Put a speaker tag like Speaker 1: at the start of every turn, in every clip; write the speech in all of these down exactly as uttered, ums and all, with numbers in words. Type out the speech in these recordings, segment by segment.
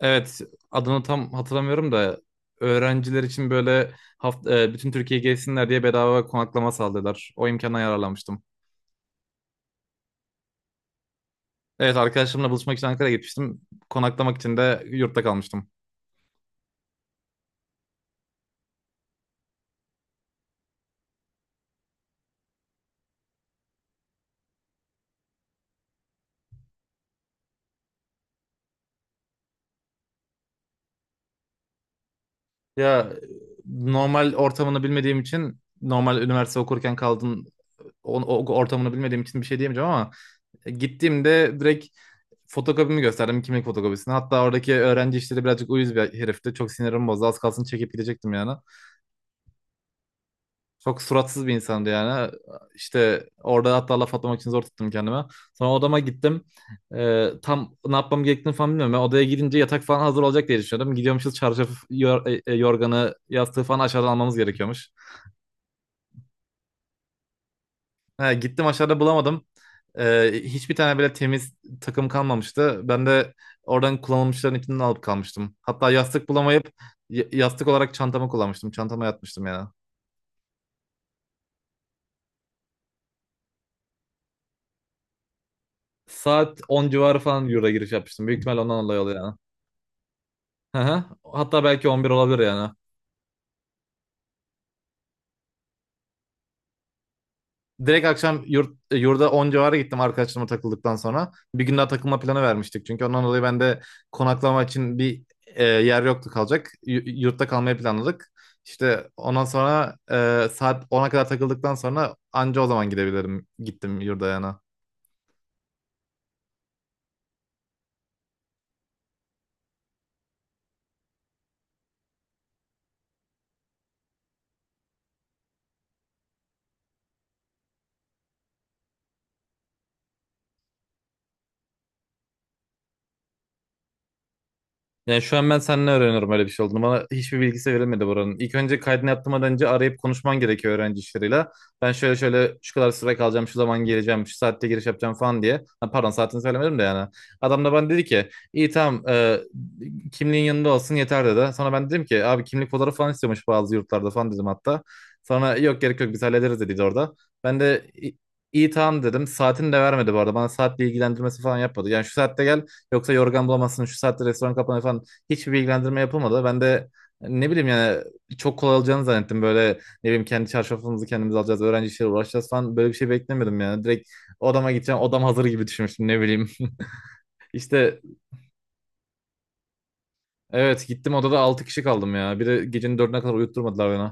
Speaker 1: Evet, adını tam hatırlamıyorum da öğrenciler için böyle haft e, bütün Türkiye gezsinler diye bedava konaklama sağladılar. O imkandan yararlanmıştım. Evet, arkadaşlarımla buluşmak için Ankara'ya gitmiştim. Konaklamak için de yurtta kalmıştım. Ya, normal ortamını bilmediğim için normal üniversite okurken kaldığın o, o ortamını bilmediğim için bir şey diyemeyeceğim ama gittiğimde direkt fotokopimi gösterdim, kimlik fotokopisini. Hatta oradaki öğrenci işleri birazcık uyuz bir herifti. Çok sinirim bozdu. Az kalsın çekip gidecektim yani. Çok suratsız bir insandı yani. İşte orada hatta laf atmak için zor tuttum kendime. Sonra odama gittim. Ee, tam ne yapmam gerektiğini falan bilmiyorum. Ben odaya gidince yatak falan hazır olacak diye düşünüyordum. Gidiyormuşuz çarşafı, yor- e, e, yorganı, yastığı falan aşağıdan almamız gerekiyormuş. He, gittim aşağıda bulamadım. Ee, hiçbir tane bile temiz takım kalmamıştı. Ben de oradan kullanılmışların içinden alıp kalmıştım. Hatta yastık bulamayıp y- yastık olarak çantamı kullanmıştım. Çantama yatmıştım yani. Saat on civarı falan Euro'ya giriş yapmıştım. Büyük ihtimal ondan dolayı oluyor yani. Hı hı. Hatta belki on bir olabilir yani. Direkt akşam yurt, e, yurda on civarı gittim arkadaşlarıma takıldıktan sonra. Bir gün daha takılma planı vermiştik çünkü, ondan dolayı ben de konaklama için bir e, yer yoktu kalacak. Y- yurtta kalmayı planladık. İşte ondan sonra e, saat ona kadar takıldıktan sonra anca o zaman gidebilirim. Gittim yurda yani. Yani şu an ben seninle öğreniyorum öyle bir şey olduğunu. Bana hiçbir bilgisi verilmedi buranın. İlk önce kaydını yaptırmadan önce arayıp konuşman gerekiyor öğrenci işleriyle. Ben şöyle şöyle şu kadar süre kalacağım, şu zaman geleceğim, şu saatte giriş yapacağım falan diye. Ha, pardon, saatini söylemedim de yani. Adam da bana dedi ki iyi tamam, e, kimliğin yanında olsun yeter dedi. Sonra ben dedim ki abi, kimlik fotoğrafı falan istiyormuş bazı yurtlarda falan dedim hatta. Sonra yok gerek yok biz hallederiz dedi orada. Ben de "İ- iyi tamam dedim. Saatini de vermedi bu arada. Bana saatle ilgilendirmesi falan yapmadı. Yani şu saatte gel. Yoksa yorgan bulamazsın, şu saatte restoran kapanıyor falan. Hiçbir bilgilendirme yapılmadı. Ben de ne bileyim yani, çok kolay olacağını zannettim. Böyle ne bileyim, kendi çarşafımızı kendimiz alacağız, öğrenci işleriyle uğraşacağız falan, böyle bir şey beklemedim yani. Direkt odama gideceğim, odam hazır gibi düşünmüştüm, ne bileyim. İşte evet, gittim, odada altı kişi kaldım ya. Bir de gecenin dördüne kadar uyutturmadılar beni.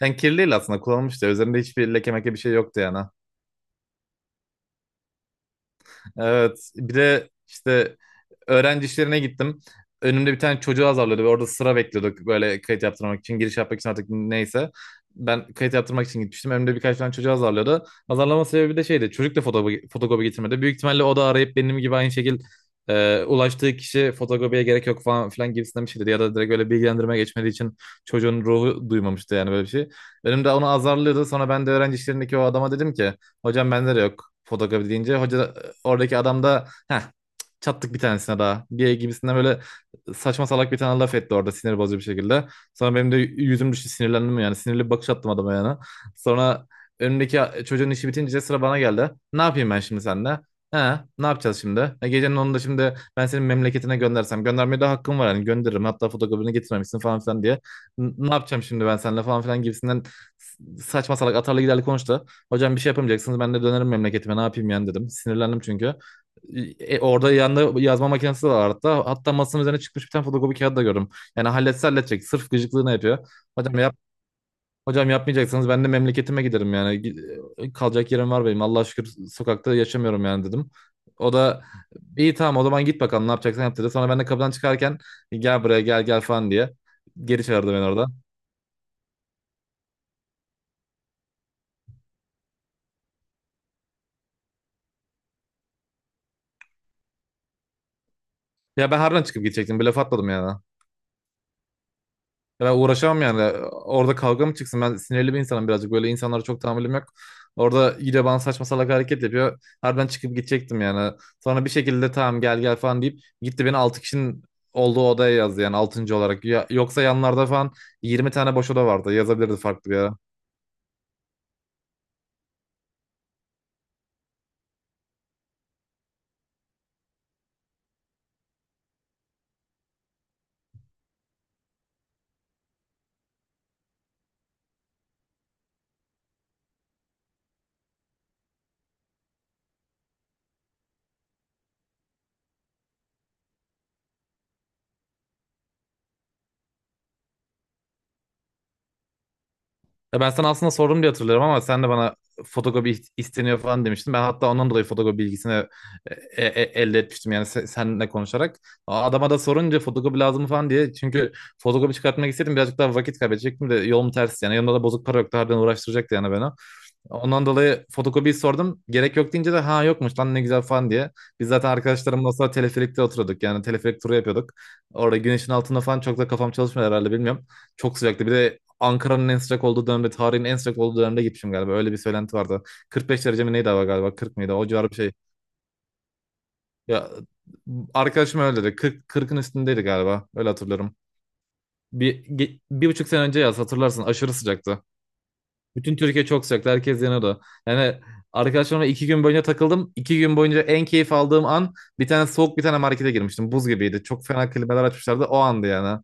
Speaker 1: Yani kirliydi, aslında kullanılmıştı. Üzerinde hiçbir leke meke bir şey yoktu yani. Evet. Bir de işte öğrenci işlerine gittim. Önümde bir tane çocuğu azarlıyordu ve orada sıra bekliyorduk, böyle kayıt yaptırmak için, giriş yapmak için artık, neyse. Ben kayıt yaptırmak için gitmiştim. Önümde birkaç tane çocuğu azarlıyordu. Azarlama sebebi de şeydi. Çocuk da fotokopi, fotokopi getirmedi. Büyük ihtimalle o da arayıp benim gibi aynı şekil e, ulaştığı kişi fotokopiye gerek yok falan filan gibisinden bir şey dedi. Ya da direkt öyle bilgilendirme geçmediği için çocuğun ruhu duymamıştı yani böyle bir şey. Önümde onu azarlıyordu. Sonra ben de öğrenci işlerindeki o adama dedim ki hocam bende de yok fotoğrafı deyince hoca da- oradaki adam da heh, çattık bir tanesine daha, diye gibisinden böyle saçma salak bir tane laf etti orada, sinir bozucu bir şekilde. Sonra benim de yüzüm düştü, sinirlendim yani. Sinirli bir bakış attım adama yani. Sonra önümdeki çocuğun işi bitince sıra bana geldi. Ne yapayım ben şimdi seninle? He, ne yapacağız şimdi? E, gecenin onunda şimdi ben senin memleketine göndersem göndermeye de hakkım var yani, gönderirim. Hatta fotoğrafını getirmemişsin falan filan diye. N- ne yapacağım şimdi ben seninle falan filan gibisinden saçma salak atarlı giderli konuştu. Hocam bir şey yapamayacaksınız, ben de dönerim memleketime, ne yapayım yani dedim. Sinirlendim çünkü. E, orada yanında yazma makinesi de var hatta. Hatta masanın üzerine çıkmış bir tane fotokopi kağıdı da gördüm. Yani halletse halledecek. Sırf gıcıklığını yapıyor. Hocam yap Hocam yapmayacaksanız ben de memleketime giderim yani. Gi- e, Kalacak yerim var benim. Allah'a şükür sokakta yaşamıyorum yani dedim. O da iyi tamam o zaman git bakalım ne yapacaksan yap dedi. Sonra ben de kapıdan çıkarken gel buraya gel gel falan diye geri çağırdı beni orada. Ya ben harbiden çıkıp gidecektim. Bir laf atmadım yani. Ya, ben uğraşamam yani. Orada kavga mı çıksın? Ben sinirli bir insanım birazcık. Böyle insanlara çok tahammülüm yok. Orada yine bana saçma salak hareket yapıyor. Harbiden çıkıp gidecektim yani. Sonra bir şekilde tamam gel gel falan deyip gitti, beni altı kişinin olduğu odaya yazdı yani, altıncı olarak. Ya- yoksa yanlarda falan yirmi tane boş oda vardı. Yazabilirdi farklı bir yere. Ya ben sana aslında sordum diye hatırlıyorum ama sen de bana fotokopi iht- isteniyor falan demiştin. Ben hatta ondan dolayı fotokopi bilgisini e, e, e, elde etmiştim yani se- seninle konuşarak. A- Adama da sorunca fotokopi lazım mı falan diye. Çünkü fotokopi çıkartmak istedim, birazcık daha vakit kaybedecektim de, yolum ters yani. Yanımda da bozuk para yoktu, harbiden uğraştıracaktı yani beni. Ondan dolayı fotokopiyi sordum. Gerek yok deyince de ha yokmuş lan ne güzel falan diye. Biz zaten arkadaşlarımla o sıra teleferikte oturuyorduk. Yani teleferik turu yapıyorduk. Orada güneşin altında falan çok da kafam çalışmıyor herhalde, bilmiyorum. Çok sıcaktı. Bir de Ankara'nın en sıcak olduğu dönemde, tarihin en sıcak olduğu dönemde gitmişim galiba. Öyle bir söylenti vardı. kırk beş derece mi neydi hava galiba? kırk mıydı? O civarı bir şey. Ya, arkadaşım öyle dedi. kırk, kırkın üstündeydi galiba. Öyle hatırlıyorum. Bir, ge- bir buçuk sene önce yaz hatırlarsın, aşırı sıcaktı. Bütün Türkiye çok sıcaktı. Herkes yanıyordu. Yani arkadaşlarımla iki gün boyunca takıldım. İki gün boyunca en keyif aldığım an, bir tane soğuk bir tane markete girmiştim. Buz gibiydi. Çok fena klimalar açmışlardı. O andı yani.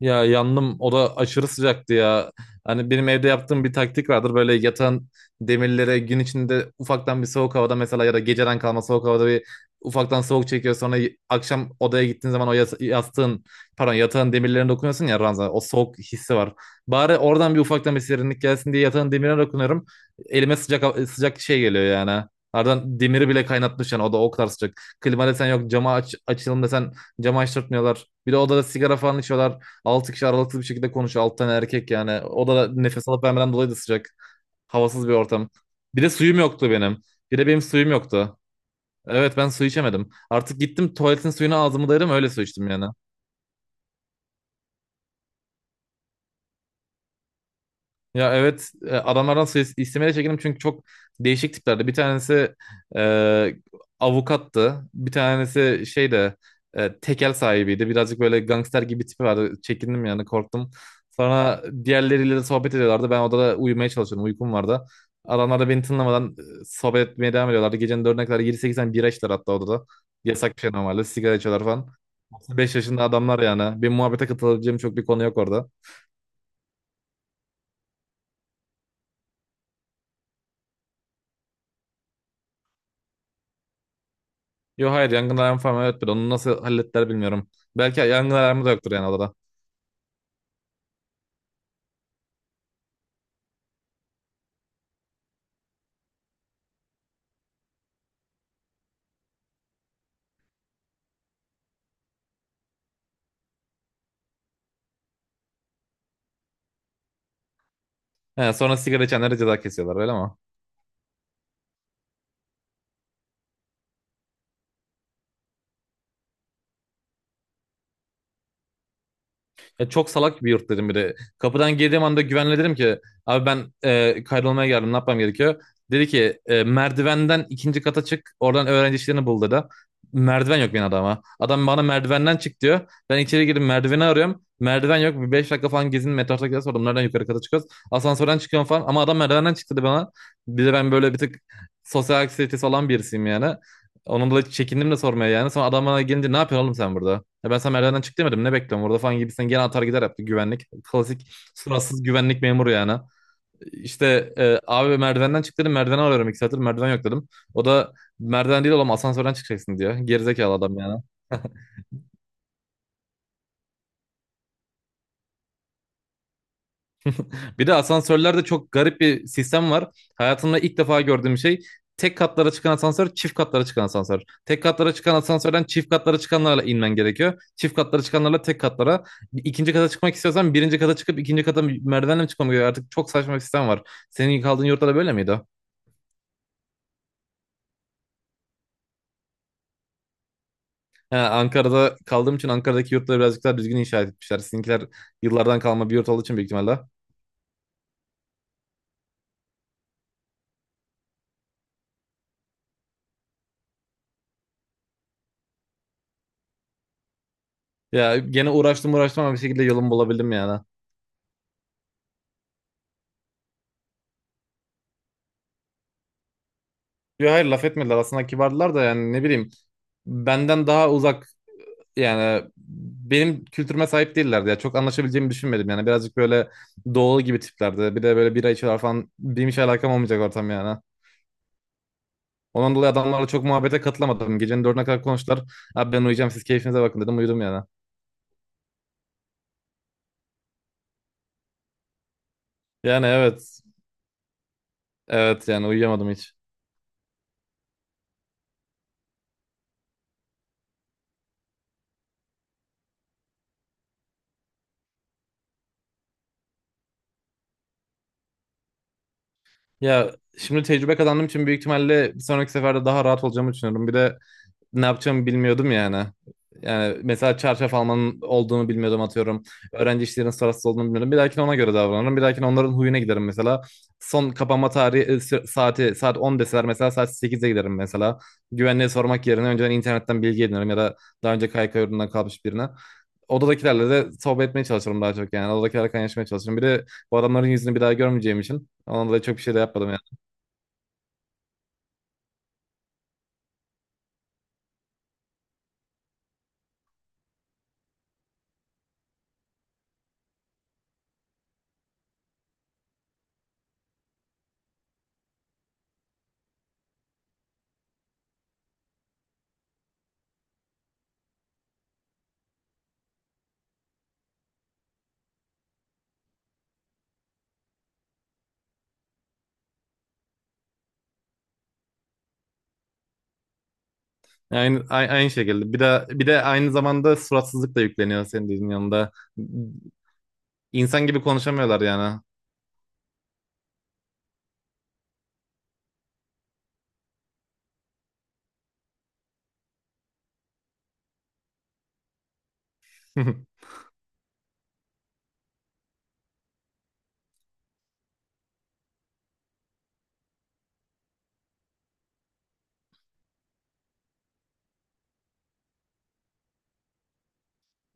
Speaker 1: Ya yandım, o da aşırı sıcaktı ya. Hani benim evde yaptığım bir taktik vardır. Böyle yatan demirlere gün içinde ufaktan bir soğuk havada mesela, ya da geceden kalma soğuk havada bir ufaktan soğuk çekiyor. Sonra y- akşam odaya gittiğin zaman o yas- yastığın pardon yatağın demirlerine dokunuyorsun ya, ranza. O soğuk hissi var. Bari oradan bir ufaktan bir serinlik gelsin diye yatağın demirine dokunuyorum. Elime sıcak ha- sıcak şey geliyor yani. Ardından demiri bile kaynatmış yani, o da o kadar sıcak. Klima desen yok, cama aç, açalım desen camı açtırtmıyorlar. Bir de odada sigara falan içiyorlar. Altı kişi aralıksız bir şekilde konuşuyor. altı tane erkek yani. O da nefes alıp vermeden dolayı da sıcak. Havasız bir ortam. Bir de suyum yoktu benim. Bir de benim suyum yoktu. Evet, ben su içemedim. Artık gittim tuvaletin suyunu, ağzımı dayadım öyle su içtim yani. Ya evet, e, adamlardan sayıs- istemeye çekindim çünkü çok değişik tiplerdi. Bir tanesi e, avukattı. Bir tanesi şey de e, tekel sahibiydi. Birazcık böyle gangster gibi tipi vardı. Çekindim yani, korktum. Sonra diğerleriyle de sohbet ediyorlardı. Ben odada uyumaya çalışıyordum. Uykum vardı. Adamlar da beni tınlamadan e, sohbet etmeye devam ediyorlardı. Gecenin dördüne kadar yedi sekiz tane bira içtiler hatta odada. Yasak bir şey normalde. Sigara içiyorlar falan. beş yaşında adamlar yani. Bir muhabbete katılabileceğim çok bir konu yok orada. Yo hayır, yangın alarmı falan, evet, bir onu nasıl hallettiler bilmiyorum. Belki yangın alarmı da yoktur yani odada. He, sonra sigara içenlere ceza kesiyorlar öyle mi? Ya çok salak bir yurt dedim bir de. Kapıdan girdiğim anda güvenle dedim ki abi ben e, kaydolmaya geldim ne yapmam gerekiyor? Dedi ki e, merdivenden ikinci kata çık oradan öğrenci işlerini bul dedi. Merdiven yok benim adama. Adam bana merdivenden çık diyor. Ben içeri girdim, merdiveni arıyorum. Merdiven yok. Bir beş dakika falan gezin metrosakilere sordum. Nereden yukarı kata çıkıyoruz? Asansörden çıkıyorum falan. Ama adam merdivenden çıktı dedi bana. Bir de ben böyle bir tık sosyal anksiyetesi olan birisiyim yani. Onun dolayı çekindim de sormaya yani. Sonra adam bana gelince ne yapıyorsun oğlum sen burada? Ya ben sana merdivenden çık demedim. Ne bekliyorum burada falan gibisinden gene atar gider yaptı güvenlik. Klasik suratsız güvenlik memuru yani. İşte e, abi merdivenden çık dedim, merdiveni arıyorum iki saattir, merdiven yok dedim. O da merdiven değil oğlum asansörden çıkacaksın diyor. Gerizekalı adam yani. Bir de asansörlerde çok garip bir sistem var. Hayatımda ilk defa gördüğüm şey, tek katlara çıkan asansör, çift katlara çıkan asansör. Tek katlara çıkan asansörden çift katlara çıkanlarla inmen gerekiyor. Çift katlara çıkanlarla tek katlara. İkinci kata çıkmak istiyorsan birinci kata çıkıp ikinci kata merdivenle mi çıkmam gerekiyor? Artık çok saçma bir sistem var. Senin kaldığın yurtta da böyle miydi? He, Ankara'da kaldığım için Ankara'daki yurtları birazcık daha düzgün inşa etmişler. Sizinkiler yıllardan kalma bir yurt olduğu için büyük ihtimalle. Ya gene uğraştım uğraştım ama bir şekilde yolumu bulabildim yani. Yo hayır, laf etmediler, aslında kibardılar da yani, ne bileyim, benden daha uzak yani, benim kültürüme sahip değillerdi ya. Çok anlaşabileceğimi düşünmedim yani. Birazcık böyle doğulu gibi tiplerdi. Bir de böyle bira içiyorlar falan. Benim hiç alakam olmayacak ortam yani. Ondan dolayı adamlarla çok muhabbete katılamadım. Gecenin dördüne kadar konuştular. Abi ben uyuyacağım siz keyfinize bakın dedim, uyudum yani. Yani evet. Evet yani, uyuyamadım hiç. Ya şimdi tecrübe kazandığım için büyük ihtimalle bir sonraki seferde daha rahat olacağımı düşünüyorum. Bir de ne yapacağımı bilmiyordum yani. Yani mesela çarşaf almanın olduğunu bilmiyordum, atıyorum. Öğrenci işlerinin sırasız olduğunu bilmiyordum. Bir dahakine ona göre davranırım. Bir dahakine onların huyuna giderim mesela. Son kapanma tarihi e, sü- saati saat on deseler mesela saat sekize giderim mesela. Güvenliğe sormak yerine önceden internetten bilgi edinirim, ya da daha önce K Y K yurdundan kalmış birine. Odadakilerle de sohbet etmeye çalışırım daha çok yani. Odadakilerle kaynaşmaya çalışırım. Bir de bu adamların yüzünü bir daha görmeyeceğim için. Onunla da çok bir şey de yapmadım. Aynı, ay- aynı şekilde. Bir de bir de aynı zamanda suratsızlık da yükleniyor senin dediğin yanında. İnsan gibi konuşamıyorlar yani.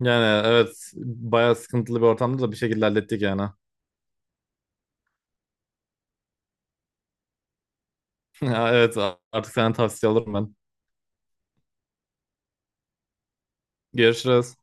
Speaker 1: Yani evet, bayağı sıkıntılı bir ortamda da bir şekilde hallettik yani. Evet, artık senden tavsiye alırım ben. Görüşürüz.